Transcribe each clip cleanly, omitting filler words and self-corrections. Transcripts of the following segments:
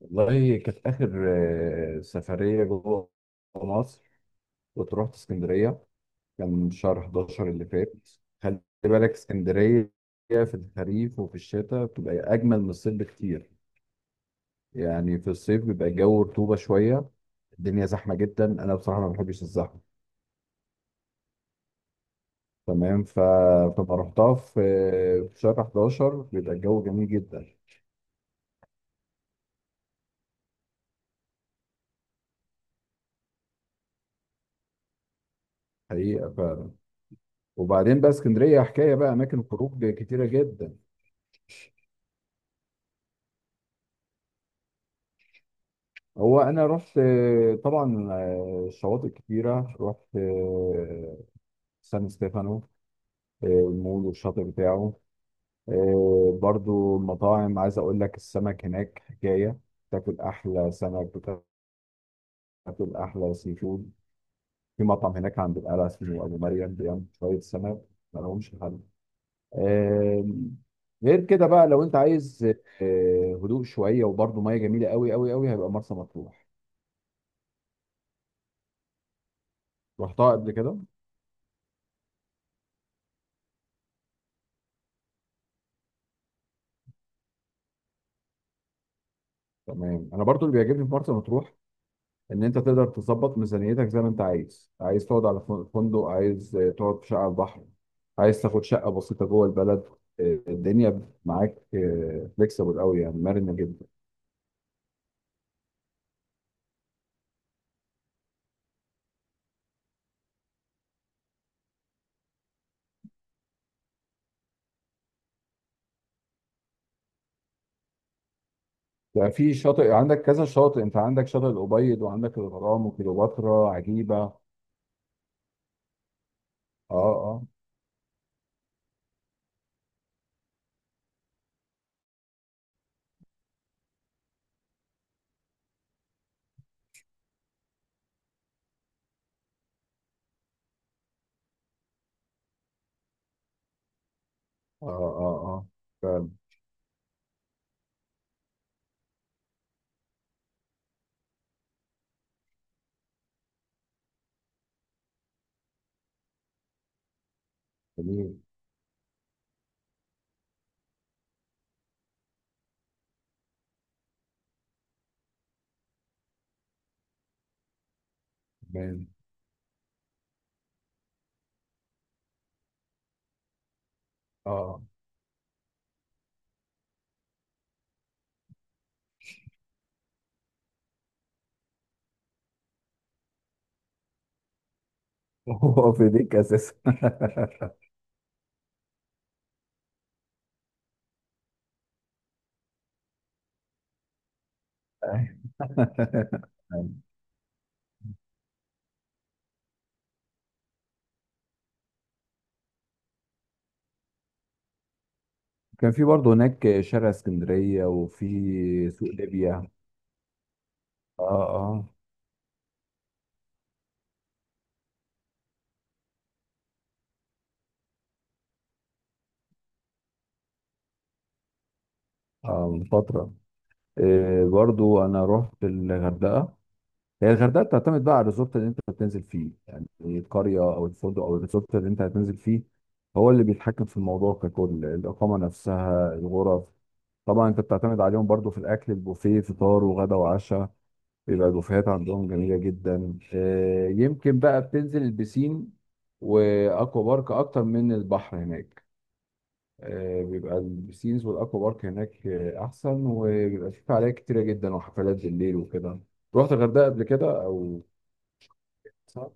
والله كانت آخر سفرية جوه مصر. كنت رحت اسكندرية. كان شهر 11 اللي فات. خلي بالك اسكندرية في الخريف وفي الشتاء بتبقى أجمل من الصيف بكتير. يعني في الصيف بيبقى الجو رطوبة شوية، الدنيا زحمة جدا، أنا بصراحة ما بحبش الزحمة. تمام. فما رحتها في شهر 11 بيبقى الجو جميل جدا. حقيقة، فعلا. وبعدين بقى اسكندرية حكاية بقى، أماكن خروج كتيرة جدا. هو انا رحت، طبعا، شواطئ كتيره، رحت سان ستيفانو، المول والشاطئ بتاعه. برضو المطاعم، عايز اقول لك السمك هناك حكايه، تاكل احلى سمك، بتاكل احلى سي فود. في مطعم هناك عند القلعه اسمه ابو مريم، بيعمل شويه سمك ما لهمش حل. آه، غير كده بقى، لو انت عايز هدوء شويه وبرضو ميه جميله قوي قوي قوي، هيبقى مرسى مطروح. رحتها قبل كده. تمام. انا برضو اللي بيعجبني في مرسى مطروح ان انت تقدر تظبط ميزانيتك زي ما انت عايز. عايز تقعد على فندق، عايز تقعد في شقه على البحر، عايز تاخد شقه بسيطه جوه البلد. الدنيا معاك، فليكسبل قوي، يعني مرنه جدا. يعني في شاطئ، عندك كذا شاطئ، انت عندك شاطئ الابيض وعندك الغرام وكليوباترا عجيبه. اه، اه، اه، اه، اه، فعلا. جميل. جميل، اه. هو في ديك اساسا. كان في برضه هناك شارع اسكندرية وفي سوق ليبيا. اه، اه، اه، من فترة. آه، برضه أنا رحت الغردقة. هي الغردقة بتعتمد بقى على الريزورت اللي أنت بتنزل فيه، يعني القرية أو الفندق أو الريزورت اللي أنت هتنزل فيه هو اللي بيتحكم في الموضوع ككل، الإقامة نفسها، الغرف. طبعا أنت بتعتمد عليهم برضه في الأكل، البوفيه، فطار وغدا وعشاء، بيبقى البوفيهات عندهم جميلة جدا. يمكن بقى بتنزل البسين واكوا بارك اكتر من البحر هناك. بيبقى البسينز والاكوا بارك هناك احسن، وبيبقى في فعاليات كتيرة جدا وحفلات بالليل وكده. رحت الغردقة قبل كده او صح؟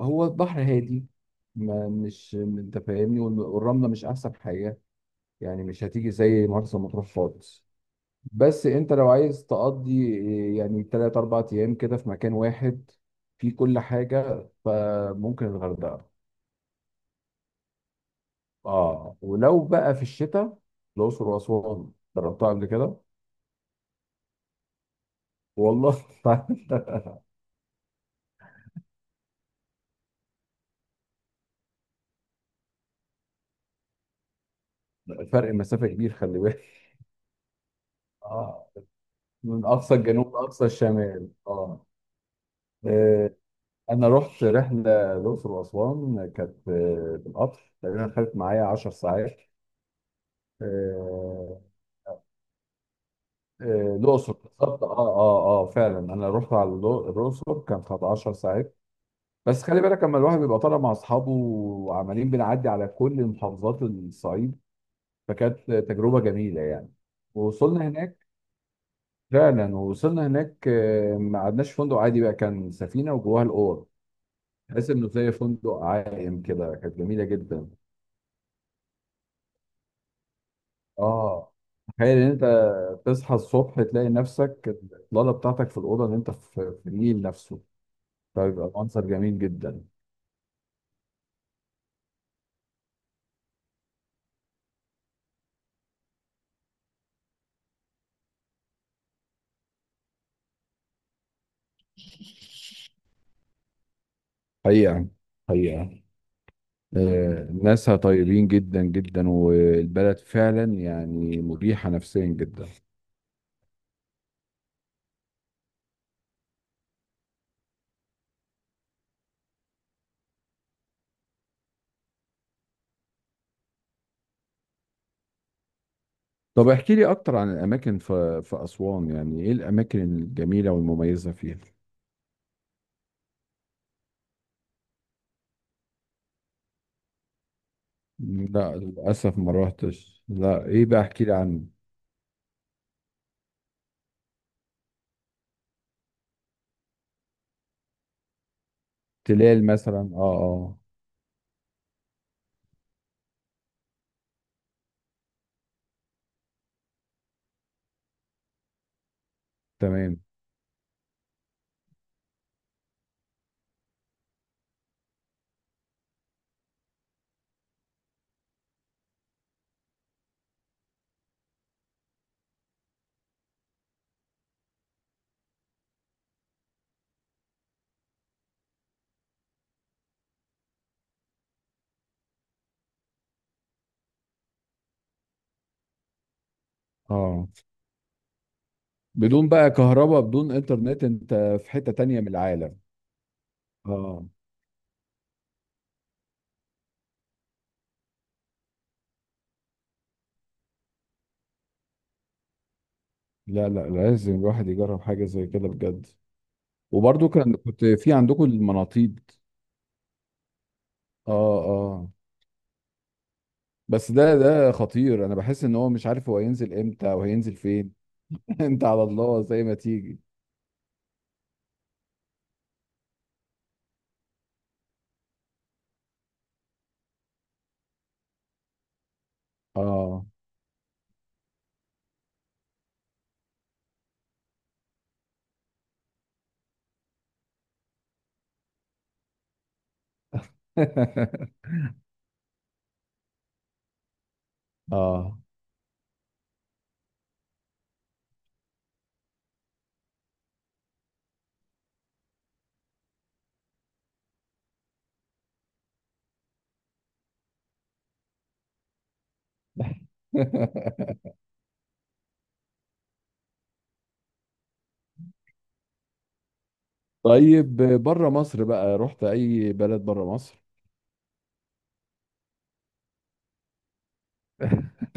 هو البحر هادي، ما مش انت فاهمني، والرملة مش احسن حاجة، يعني مش هتيجي زي مرسى مطروح خالص. بس انت لو عايز تقضي يعني تلات اربع ايام كده في مكان واحد في كل حاجة، فممكن الغردقة. اه، ولو بقى في الشتاء، الأقصر وأسوان. جربتها قبل كده. والله. فرق مسافة كبير، خلي بالك. اه، من أقصى الجنوب لأقصى الشمال، اه. آه، أنا رحت رحلة الأقصر وأسوان، كانت بالقطر، تقريبا خدت معايا 10 ساعات. آه، الأقصر بالظبط، اه، اه، اه، فعلا، أنا رحت على الأقصر، كانت 10 ساعات. بس خلي بالك لما الواحد بيبقى طالع مع أصحابه وعمالين بنعدي على كل محافظات الصعيد، فكانت تجربة جميلة يعني. ووصلنا هناك. فعلا، ووصلنا هناك. ما قعدناش في فندق عادي بقى، كان سفينة وجواها الأوض، تحس إنه زي فندق عائم كده، كانت جميلة جدا. اه. تخيل ان انت تصحى الصبح تلاقي نفسك الاطلاله بتاعتك في الاوضه اللي انت في النيل نفسه، فبيبقى منظر جميل جدا. حقيقة. حقيقة. ناسها طيبين جدا جدا، والبلد فعلا يعني مريحة نفسيا جدا. طب احكي لي اكتر عن الاماكن في اسوان، يعني ايه الاماكن الجميلة والمميزة فيها؟ لا، للاسف ما روحتش، لا، ايه بقى، احكي لي عن تلال مثلا، اه، اه. تمام، اه. بدون بقى كهرباء، بدون انترنت، انت في حتة تانية من العالم. اه. لا، لا، لازم الواحد يجرب حاجة زي كده بجد. وبرضو كنت في عندكم المناطيد. اه، اه. بس ده خطير، انا بحس ان هو مش عارف هو هينزل امتى او هينزل فين. انت على الله زي ما تيجي. اه. اه. طيب، بره مصر بقى رحت اي بلد بره مصر؟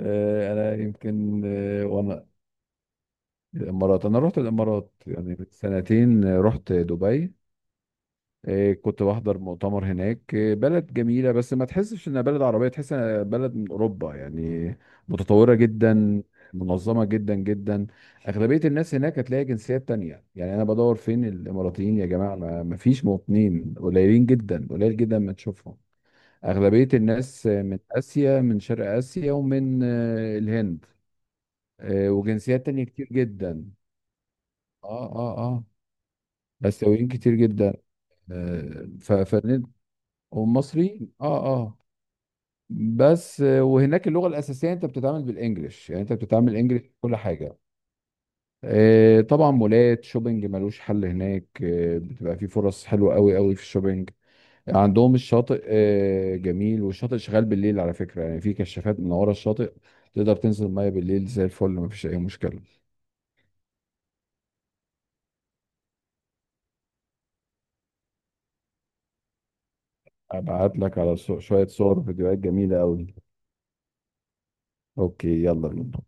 انا يمكن، وانا الامارات، انا رحت الامارات يعني من سنتين، رحت دبي. إيه، كنت بحضر مؤتمر هناك، إيه، بلد جميلة، بس ما تحسش انها بلد عربية، تحس انها بلد من اوروبا يعني. متطورة جدا، منظمة جدا جدا. اغلبية الناس هناك هتلاقي جنسيات تانية، يعني انا بدور فين الاماراتيين يا جماعة، ما فيش مواطنين، قليلين جدا، قليل جدا ما تشوفهم. اغلبية الناس من اسيا، من شرق اسيا ومن الهند، وجنسيات تانية كتير جدا. اه، اه، اه، آسيويين كتير جدا. آه، ف- فن- ومصري، اه، اه. بس وهناك اللغه الاساسيه انت بتتعامل بالانجلش، يعني انت بتتعامل انجلش في كل حاجه. طبعا، مولات شوبينج ملوش حل هناك، بتبقى في فرص حلوه قوي قوي في الشوبينج. عندهم الشاطئ جميل، والشاطئ شغال بالليل على فكره، يعني في كشافات من ورا الشاطئ، تقدر تنزل ميه بالليل زي الفل، مفيش اي مشكله. ابعت لك على شويه صور، فيديوهات جميله قوي. اوكي، يلا بينا.